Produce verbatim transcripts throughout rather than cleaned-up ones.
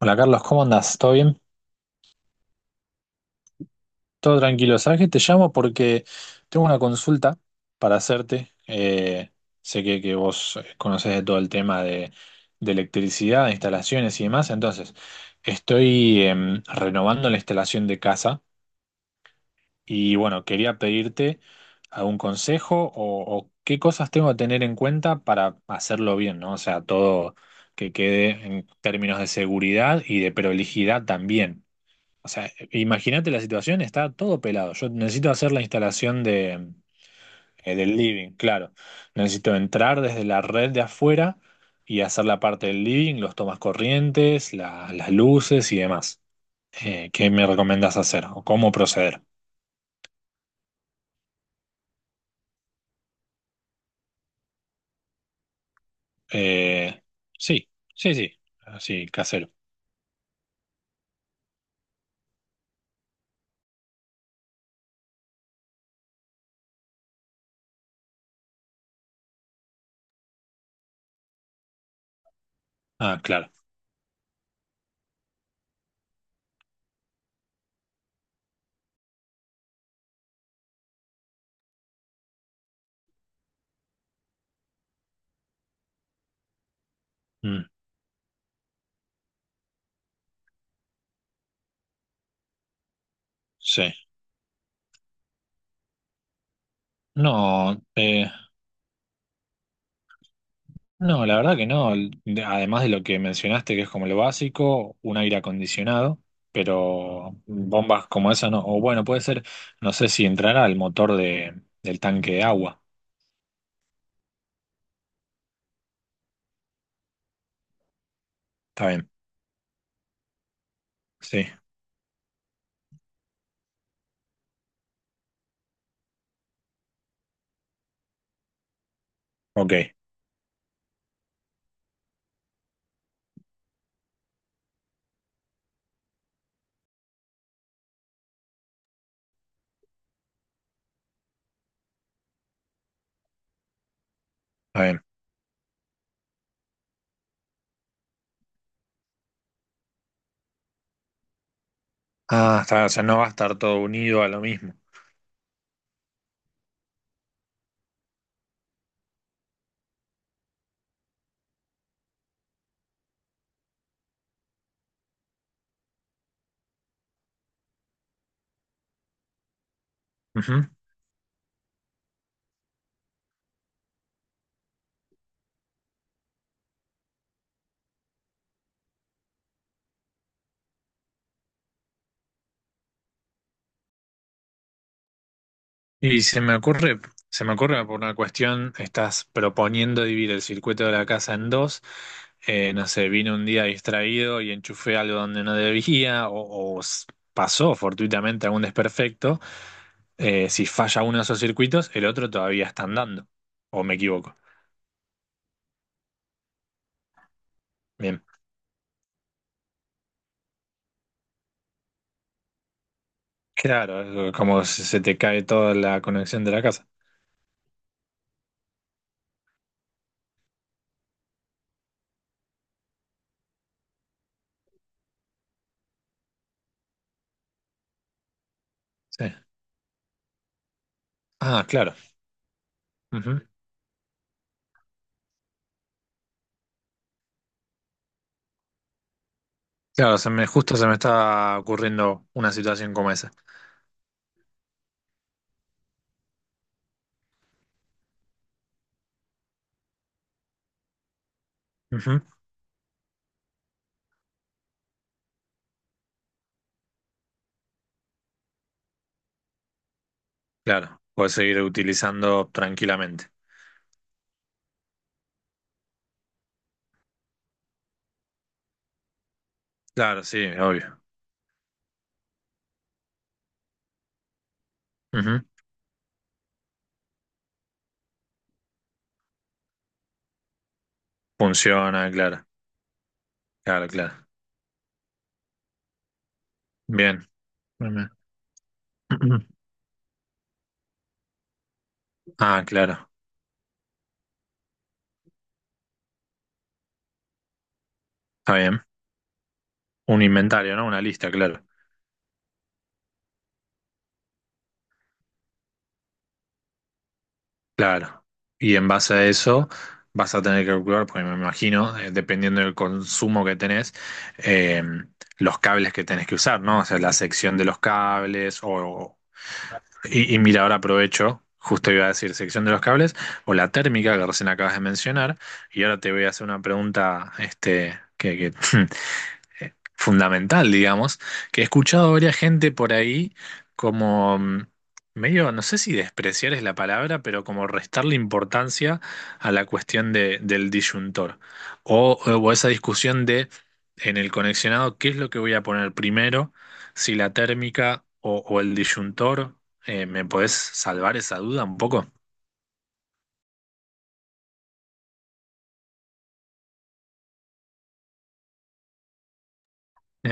Hola Carlos, ¿cómo andás? ¿Todo bien? Todo tranquilo. Sabes que te llamo porque tengo una consulta para hacerte. Eh, sé que, que vos eh, conocés de todo el tema de, de electricidad, de instalaciones y demás. Entonces, estoy em, renovando la instalación de casa y bueno, quería pedirte algún consejo o, o qué cosas tengo que tener en cuenta para hacerlo bien, ¿no? O sea, todo que quede en términos de seguridad y de prolijidad también. O sea, imagínate la situación, está todo pelado. Yo necesito hacer la instalación de, eh, del living, claro. Necesito entrar desde la red de afuera y hacer la parte del living, los tomas corrientes, la- las luces y demás. Eh, ¿qué me recomendás hacer o cómo proceder? Eh, sí, sí, sí, así, casero. Ah, claro. Mm, sí. No, eh, No, la verdad que no. De- Además de lo que mencionaste, que es como lo básico, un aire acondicionado, pero bombas como esa no. O bueno, puede ser, no sé si entrará al motor de, del tanque de agua. Está bien, sí, ok, está bien. Ah, está, o sea, no va a estar todo unido a lo mismo. Y se me ocurre, se me ocurre por una cuestión, estás proponiendo dividir el circuito de la casa en dos. Eh, no sé, vine un día distraído y enchufé algo donde no debía, o, o s- pasó fortuitamente algún desperfecto. Eh, si falla uno de esos circuitos, el otro todavía está andando. ¿O me equivoco? Bien. Claro, eh, como se se te cae toda la conexión de la casa. Sí. Ah, claro. Ujú. Claro, se me, justo se me está ocurriendo una situación como esa. Claro, puedes seguir utilizando tranquilamente. Claro, sí, obvio. Ujú. Funciona, claro, claro, claro. Bien. Bien, Ah, claro, está bien. Un inventario, ¿no? Una lista, claro, claro. Y en base a eso vas a tener que calcular, porque me imagino, eh, dependiendo del consumo que tenés, eh, los cables que tenés que usar, ¿no? O sea, la sección de los cables o, Y, y mira, ahora aprovecho, justo iba a decir sección de los cables, o la térmica que recién acabas de mencionar, y ahora te voy a hacer una pregunta este, que, que eh, fundamental, digamos, que he escuchado a varias gente por ahí como mm, medio, no sé si despreciar es la palabra, pero como restarle importancia a la cuestión de- del disyuntor. O, o esa discusión de en el conexionado, ¿qué es lo que voy a poner primero? Si la térmica o, o el disyuntor. Eh, ¿me podés salvar esa duda un poco?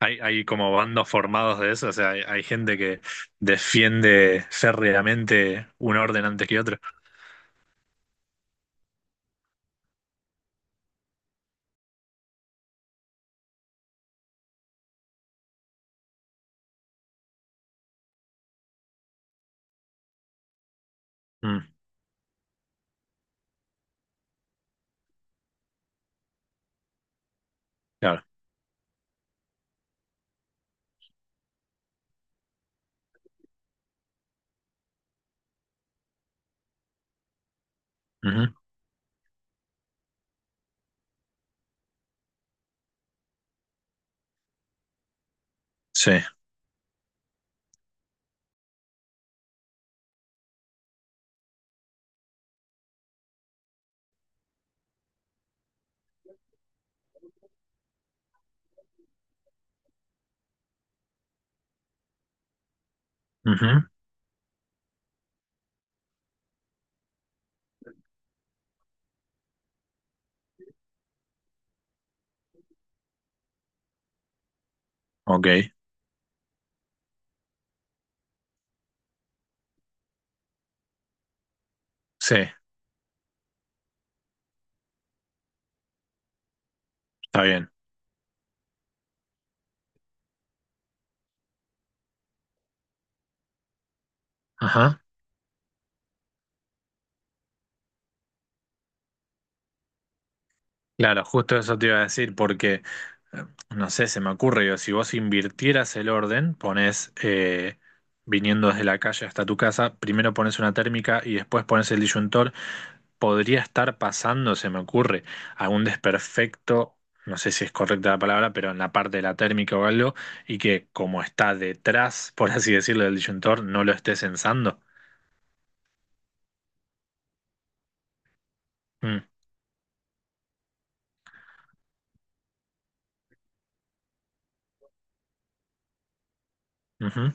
Hay, hay como bandos formados de eso, o sea, hay, hay gente que defiende férreamente un orden antes que otro. Mm, claro. Ujú. Sí. Ujú. Ok. Sí, está bien. Ajá. Claro, justo eso te iba a decir, porque, eh, no sé, se me ocurre, digo, si vos invirtieras el orden, pones, eh, viniendo desde la calle hasta tu casa, primero pones una térmica y después pones el disyuntor. Podría estar pasando, se me ocurre, algún desperfecto, no sé si es correcta la palabra, pero en la parte de la térmica o algo, y que como está detrás, por así decirlo, del disyuntor, no lo esté censando. Mm, ujú,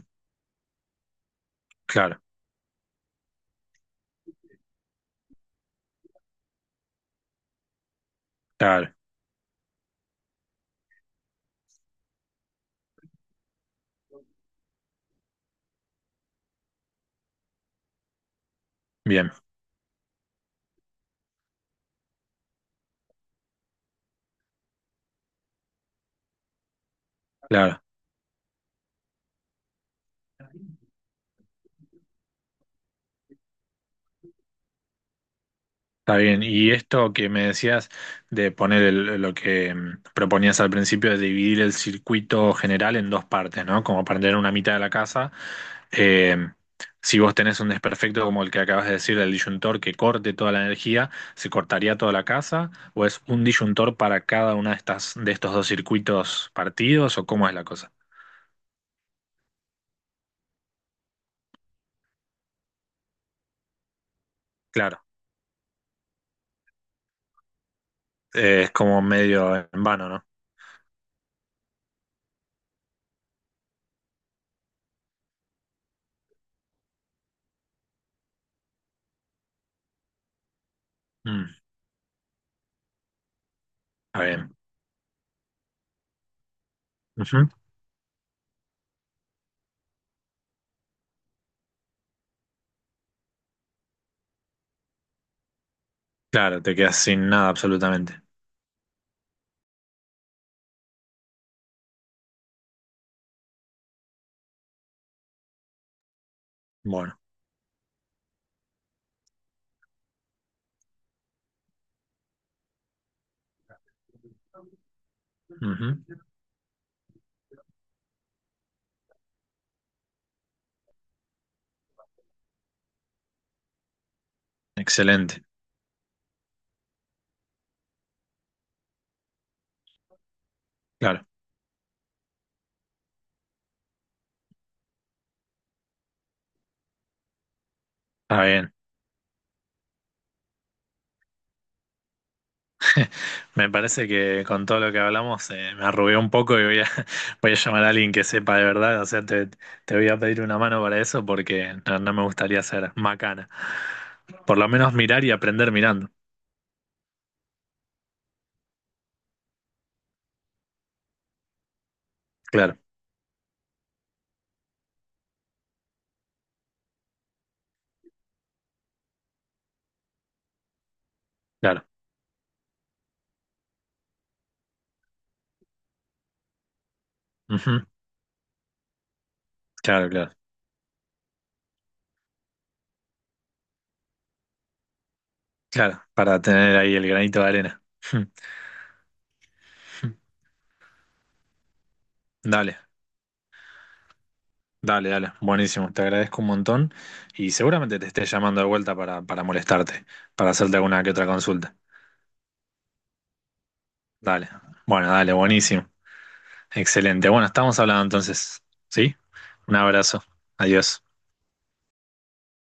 claro, claro, bien, claro. Está bien, y esto que me decías de poner el- lo que mm, proponías al principio de dividir el circuito general en dos partes, ¿no? Como para tener una mitad de la casa. Eh, si vos tenés un desperfecto como el que acabas de decir del disyuntor que corte toda la energía, ¿se cortaría toda la casa? ¿O es un disyuntor para cada una de estas, de estos dos circuitos partidos? ¿O cómo es la cosa? Claro, eh, es como medio en vano, ¿no? Mm, está bien. Ujú. Claro, te quedas sin nada absolutamente. Bueno. Ujú. Excelente, claro. Está bien. Me parece que con todo lo que hablamos eh, me arrugué un poco y voy a, voy a llamar a alguien que sepa de verdad. O sea, te, te voy a pedir una mano para eso porque no, no me gustaría ser macana. Por lo menos mirar y aprender mirando. Claro, claro. Ujú. Claro, claro. Claro, para tener ahí el granito de arena. Dale, dale, dale. Buenísimo. Te agradezco un montón y seguramente te esté llamando de vuelta para, para molestarte, para hacerte alguna que otra consulta. Dale. Bueno, dale, buenísimo. Excelente. Bueno, estamos hablando entonces. ¿Sí? Un abrazo. Adiós.